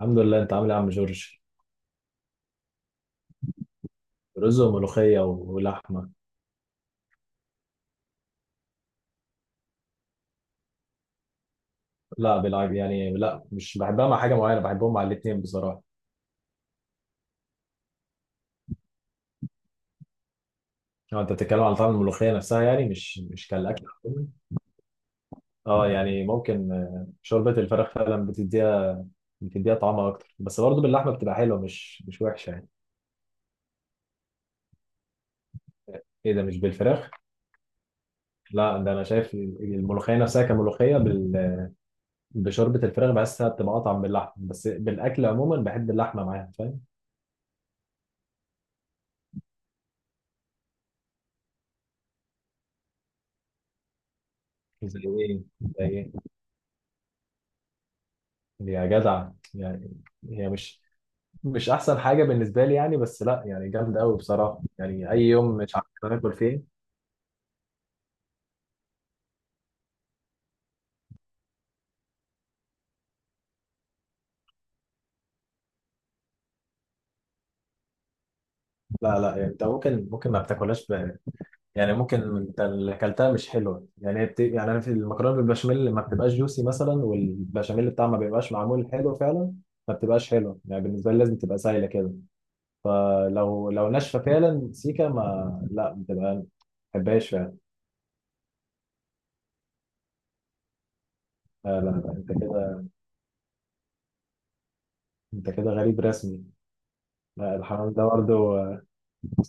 الحمد لله، انت عامل ايه يا عم جورج؟ رز وملوخيه ولحمه. لا بالعب، يعني لا، مش بحبها مع حاجه معينه، بحبهم مع الاثنين بصراحه. اه، انت بتتكلم على طعم الملوخيه نفسها، يعني مش كالاكل عموماً. اه يعني ممكن. شوربه الفراخ فعلا بتديها طعمها اكتر، بس برضه باللحمه بتبقى حلوه، مش وحشه يعني. ايه ده، مش بالفراخ؟ لا، ده انا شايف الملوخيه نفسها كملوخيه بشوربه الفراخ بحسها بتبقى اطعم، باللحمه بس بالاكل عموما بحب اللحمه معاها، فاهم؟ زي ايه؟ زي ايه؟ يا جدع يعني. هي مش احسن حاجه بالنسبه لي يعني، بس لا يعني جامد قوي بصراحه، يعني اي يوم مش عارف ناكل فيه. لا لا، يعني انت ممكن ما بتاكلهاش يعني ممكن انت اللي اكلتها مش حلوه، يعني هي يعني انا في المكرونه بالبشاميل ما بتبقاش جوسي مثلا، والبشاميل بتاعها ما بيبقاش معمول حلو فعلا. ما بتبقاش حلوه يعني بالنسبه لي، لازم تبقى سايله كده. فلو ناشفه فعلا سيكا، ما لا بتبقى، ما بحبهاش فعلا. لا لا لا، انت كده غريب رسمي. لا، الحمام ده برضه،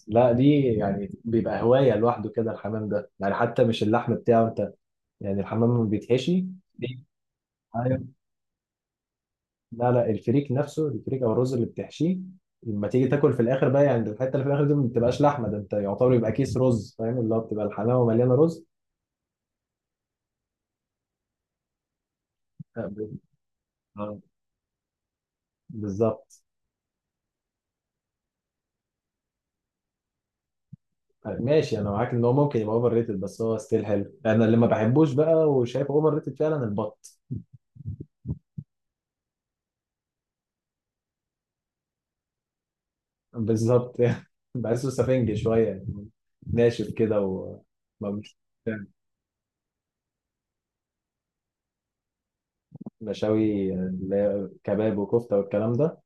لا دي يعني بيبقى هواية لوحده كده، الحمام ده يعني، حتى مش اللحم بتاعه انت، يعني الحمام ما بيتحشي. دي، ايوه، لا لا، الفريك نفسه، الفريك او الرز اللي بتحشيه لما تيجي تاكل في الاخر بقى، يعني الحته اللي في الاخر دي ما بتبقاش لحمه، ده انت يعتبر يبقى كيس رز، فاهم؟ اللي هو بتبقى الحمامه مليانه رز. آه، ب- آه، بالظبط. آه، ماشي، انا معاك ان هو ممكن يبقى اوفر ريتد، بس هو ستيل حلو. انا اللي ما بحبوش بقى وشايفه اوفر ريتد فعلا البط. بالظبط يعني بحسه سفنج شوية يعني، ناشف كده و ما مش- مشاوي، اللي هي كباب وكفتة والكلام ده.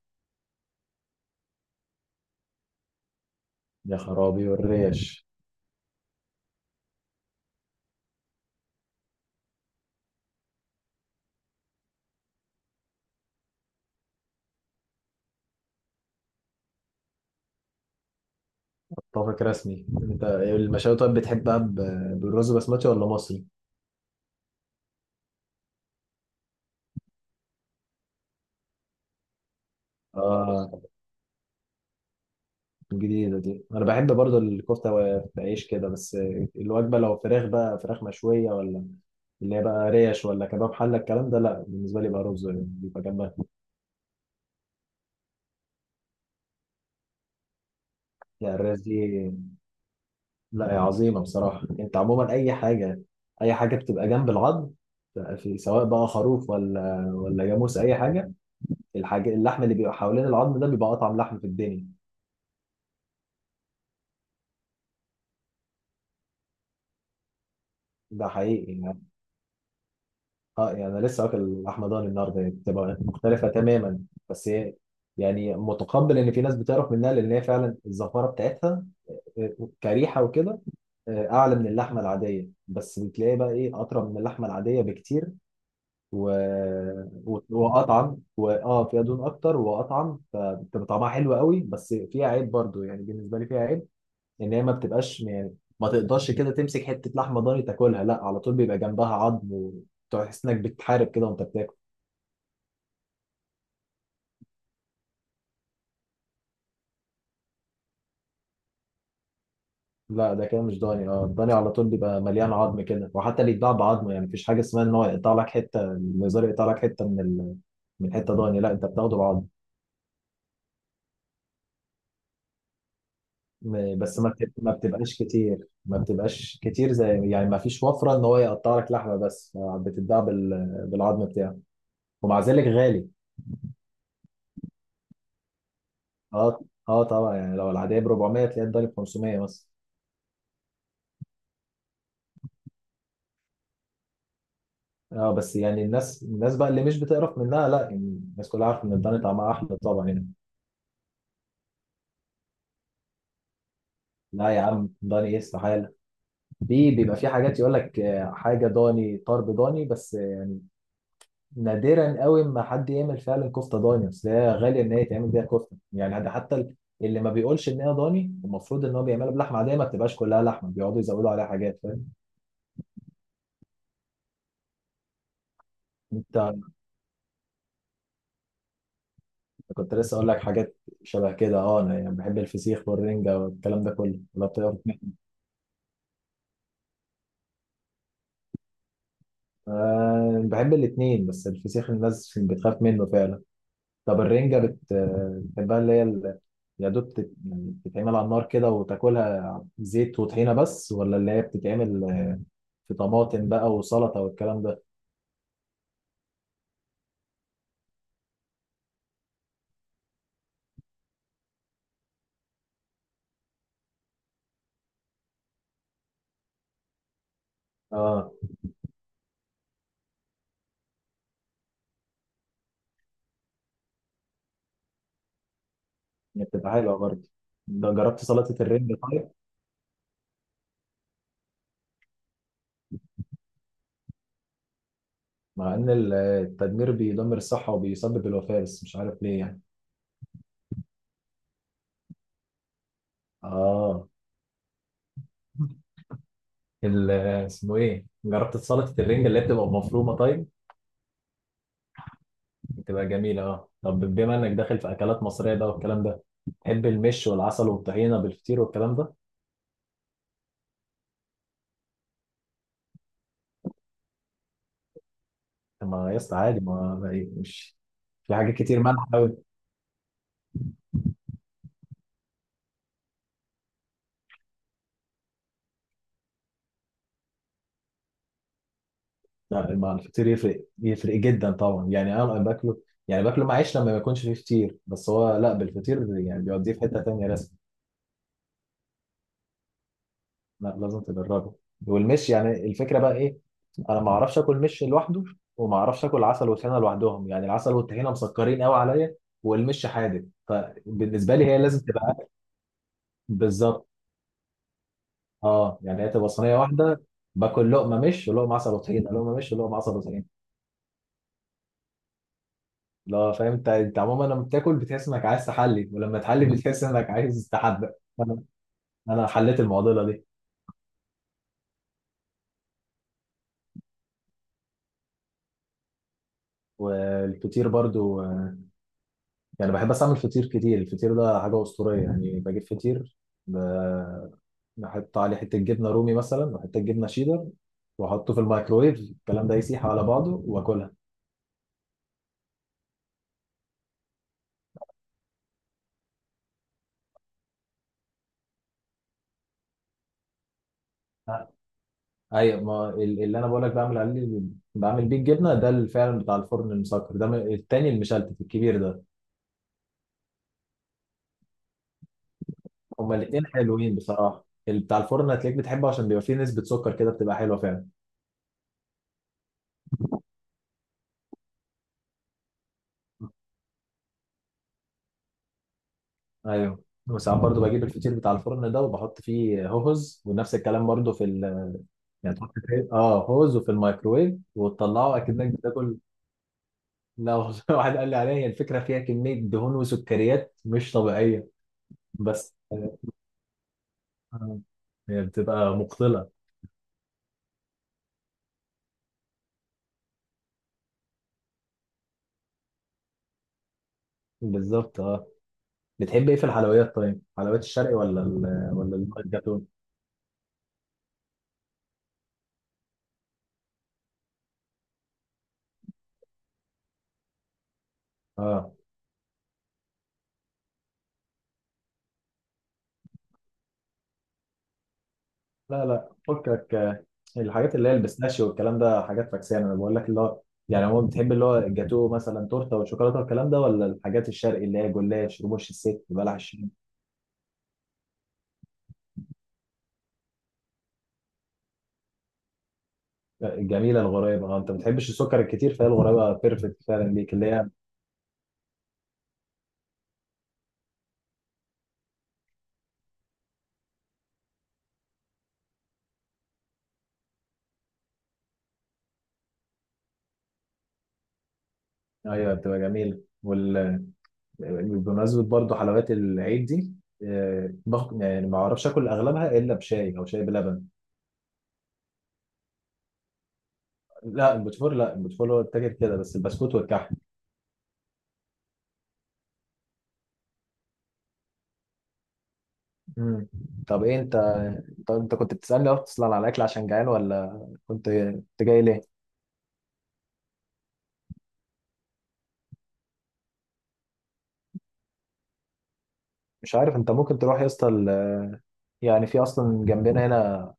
يا خرابي، والريش. اتفق رسمي، انت المشاوي طيب بتحبها بالرز بسمتي ولا مصري؟ اه، جديدة دي. انا بحب برضو الكفتة بعيش كده بس. الوجبة لو فراخ بقى، فراخ مشوية، ولا اللي هي بقى ريش ولا كباب حلة، الكلام ده لا، بالنسبة لي بقى رز يعني بيبقى جنبها. يعني الريش دي، لا يا عظيمة بصراحة، انت عموما اي حاجة، اي حاجة بتبقى جنب العظم، في سواء بقى خروف، ولا جاموس، اي حاجة، الحاجة اللحم اللي بيبقى حوالين العظم ده بيبقى اطعم لحم في الدنيا. ده حقيقي يعني. اه، يعني انا لسه واكل لحمة ضاني النهارده، يعني بتبقى مختلفة تماما. بس هي يعني متقبل ان في ناس بتعرف منها، لان هي فعلا الزفارة بتاعتها، آه، كريحة وكده، آه، اعلى من اللحمة العادية، بس بتلاقي بقى ايه، اطرى من اللحمة العادية بكتير و... واطعم، فيها دهون اكتر، واطعم فبتبقى طعمها حلو قوي، بس فيها عيب برضو يعني بالنسبه لي، فيها عيب ان هي ما بتبقاش يعني، ما تقدرش كده تمسك حته لحمه ضاني تاكلها، لا على طول بيبقى جنبها عظم، وتحس انك بتحارب كده وانت بتاكل. لا، ده كده مش ضاني. اه، الضاني على طول بيبقى مليان عظم كده، وحتى اللي يتباع بعظم، يعني مفيش حاجه اسمها ان هو يقطع لك حته، الجزار يقطع لك حته من حته ضاني، لا، انت بتاخده بعظم. بس ما بتبقاش كتير، زي يعني ما فيش وفرة ان هو يقطع لك لحمة، بس بتتباع بالعظم بتاعه. ومع ذلك غالي. اه اه طبعا، يعني لو العادية ب 400، تلاقيها الضاني ب 500 مثلا. اه، بس يعني الناس بقى اللي مش بتقرف منها، لا يعني الناس كلها عارفة ان الضاني طعمها احلى طبعا يعني. لا يا عم، ضاني ايه، استحالة. في بيبقى في حاجات يقول لك حاجة ضاني، طرب ضاني، بس نادرا قوي ما حد يعمل فعلا كفته ضاني، اصل هي غاليه ان هي تعمل بيها كفته يعني. ده حتى اللي ما بيقولش ان هي ضاني، المفروض ان هو بيعملها بلحمه عاديه ما بتبقاش كلها لحمه، بيقعدوا يزودوا عليها حاجات، فاهم؟ انت كنت لسه اقول لك حاجات شبه كده. اه انا يعني بحب الفسيخ والرنجه والكلام ده كله، ولا بتعرف. أه، بحب الاثنين، بس الفسيخ الناس بتخاف منه فعلا. طب الرنجه بتحبها، اللي هي يا دوب يعني بتتعمل على النار كده وتاكلها زيت وطحينة بس، ولا اللي هي بتتعمل في طماطم بقى وسلطة والكلام ده. اه، هي بتبقى حلوة برضه. ده، جربت سلطة الرنج طيب؟ مع ان التدمير بيدمر الصحة وبيسبب الوفاة، بس مش عارف ليه يعني. اه، ال- اسمه ايه، جربت سلطة الرنج اللي هي بتبقى مفرومة طيب؟ بتبقى جميلة. اه طب بما انك داخل في اكلات مصرية بقى والكلام ده، تحب المش والعسل والطحينة بالفطير والكلام ده؟ طب ما يا اسطى عادي، مش، في حاجات كتير مالحة. لا الفطير يفرق، يفرق جدا طبعا، يعني انا باكله، يعني باكله مع عيش لما ما يكونش فيه فطير، بس هو لا بالفطير يعني بيوديه في حته تانيه رسمي. لا، لازم تجربه. والمش يعني الفكره بقى ايه، انا ما اعرفش اكل مش لوحده، وما اعرفش اكل عسل وطحينه لوحدهم، يعني العسل والطحينه مسكرين قوي عليا، والمش حادق، فبالنسبه لي هي لازم تبقى بالظبط. اه، يعني هي تبقى صينيه واحده، باكل لقمه مش ولقمه عسل وطحينه، لقمه مش ولقمه عسل وطحينه. لا، فاهم انت عموما لما بتاكل بتحس انك عايز تحلي، ولما تحلي بتحس انك عايز تحدى. انا انا حليت المعضله دي. والفطير برضو، يعني بحب بس اعمل فطير كتير، الفطير ده حاجه اسطوريه يعني. بجيب فطير، ب- بحط عليه حته جبنه رومي مثلا، وحته جبنه شيدر، واحطه في الميكرويف، الكلام ده يسيح على بعضه واكلها. آه. ايوه ما اللي انا بقول لك بعمل عليه، بعمل بيه الجبنه ده، اللي فعلا بتاع الفرن المسكر ده، التاني المشلتت الكبير ده. هما الاثنين حلوين بصراحه، بتاع الفرن هتلاقيك بتحبه عشان بيبقى فيه نسبه سكر كده بتبقى حلوه فعلا. ايوه. وساعات برضو بجيب الفطير بتاع الفرن ده وبحط فيه هوز، ونفس الكلام برضو يعني تحط فيه هوز، وفي الميكرويف، وتطلعه اكنك بتاكل. لا والله واحد قال لي عليها، هي الفكره فيها كميه دهون وسكريات مش طبيعيه، بس. آه. هي بتبقى مقتله. بالظبط. اه بتحب ايه في الحلويات طيب؟ حلويات الشرقي ولا ولا الجاتون؟ اه، لا لا فكك، الحاجات اللي هي البيستاشيو والكلام ده حاجات فاكسيه، انا بقول لك اللي هو يعني. هو بتحب اللي هو الجاتو، مثلا تورته والشوكولاته والكلام ده، ولا الحاجات الشرقي اللي هي جلاش، رموش الست، بلح الشام؟ آه، الجميله الغريبه، انت ما بتحبش السكر الكتير، فهي الغريبه بيرفكت فعلا ليك اللي هي. ايوه، بتبقى جميله بمناسبه برضه حلويات العيد دي. آه، باخد، يعني ما اعرفش اكل اغلبها الا بشاي او شاي بلبن. لا البوتفور هو التاجر كده، بس البسكوت والكحك. مم. طب ايه انت، طب انت كنت بتسألني اصلا على الاكل عشان جعان، ولا كنت جاي ليه؟ مش عارف، انت ممكن تروح يا اسطى يعني في اصلا جنبنا هنا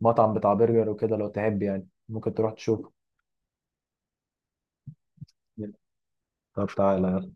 مطعم بتاع برجر وكده، لو تحب يعني ممكن تروح تشوف. طب تعالى.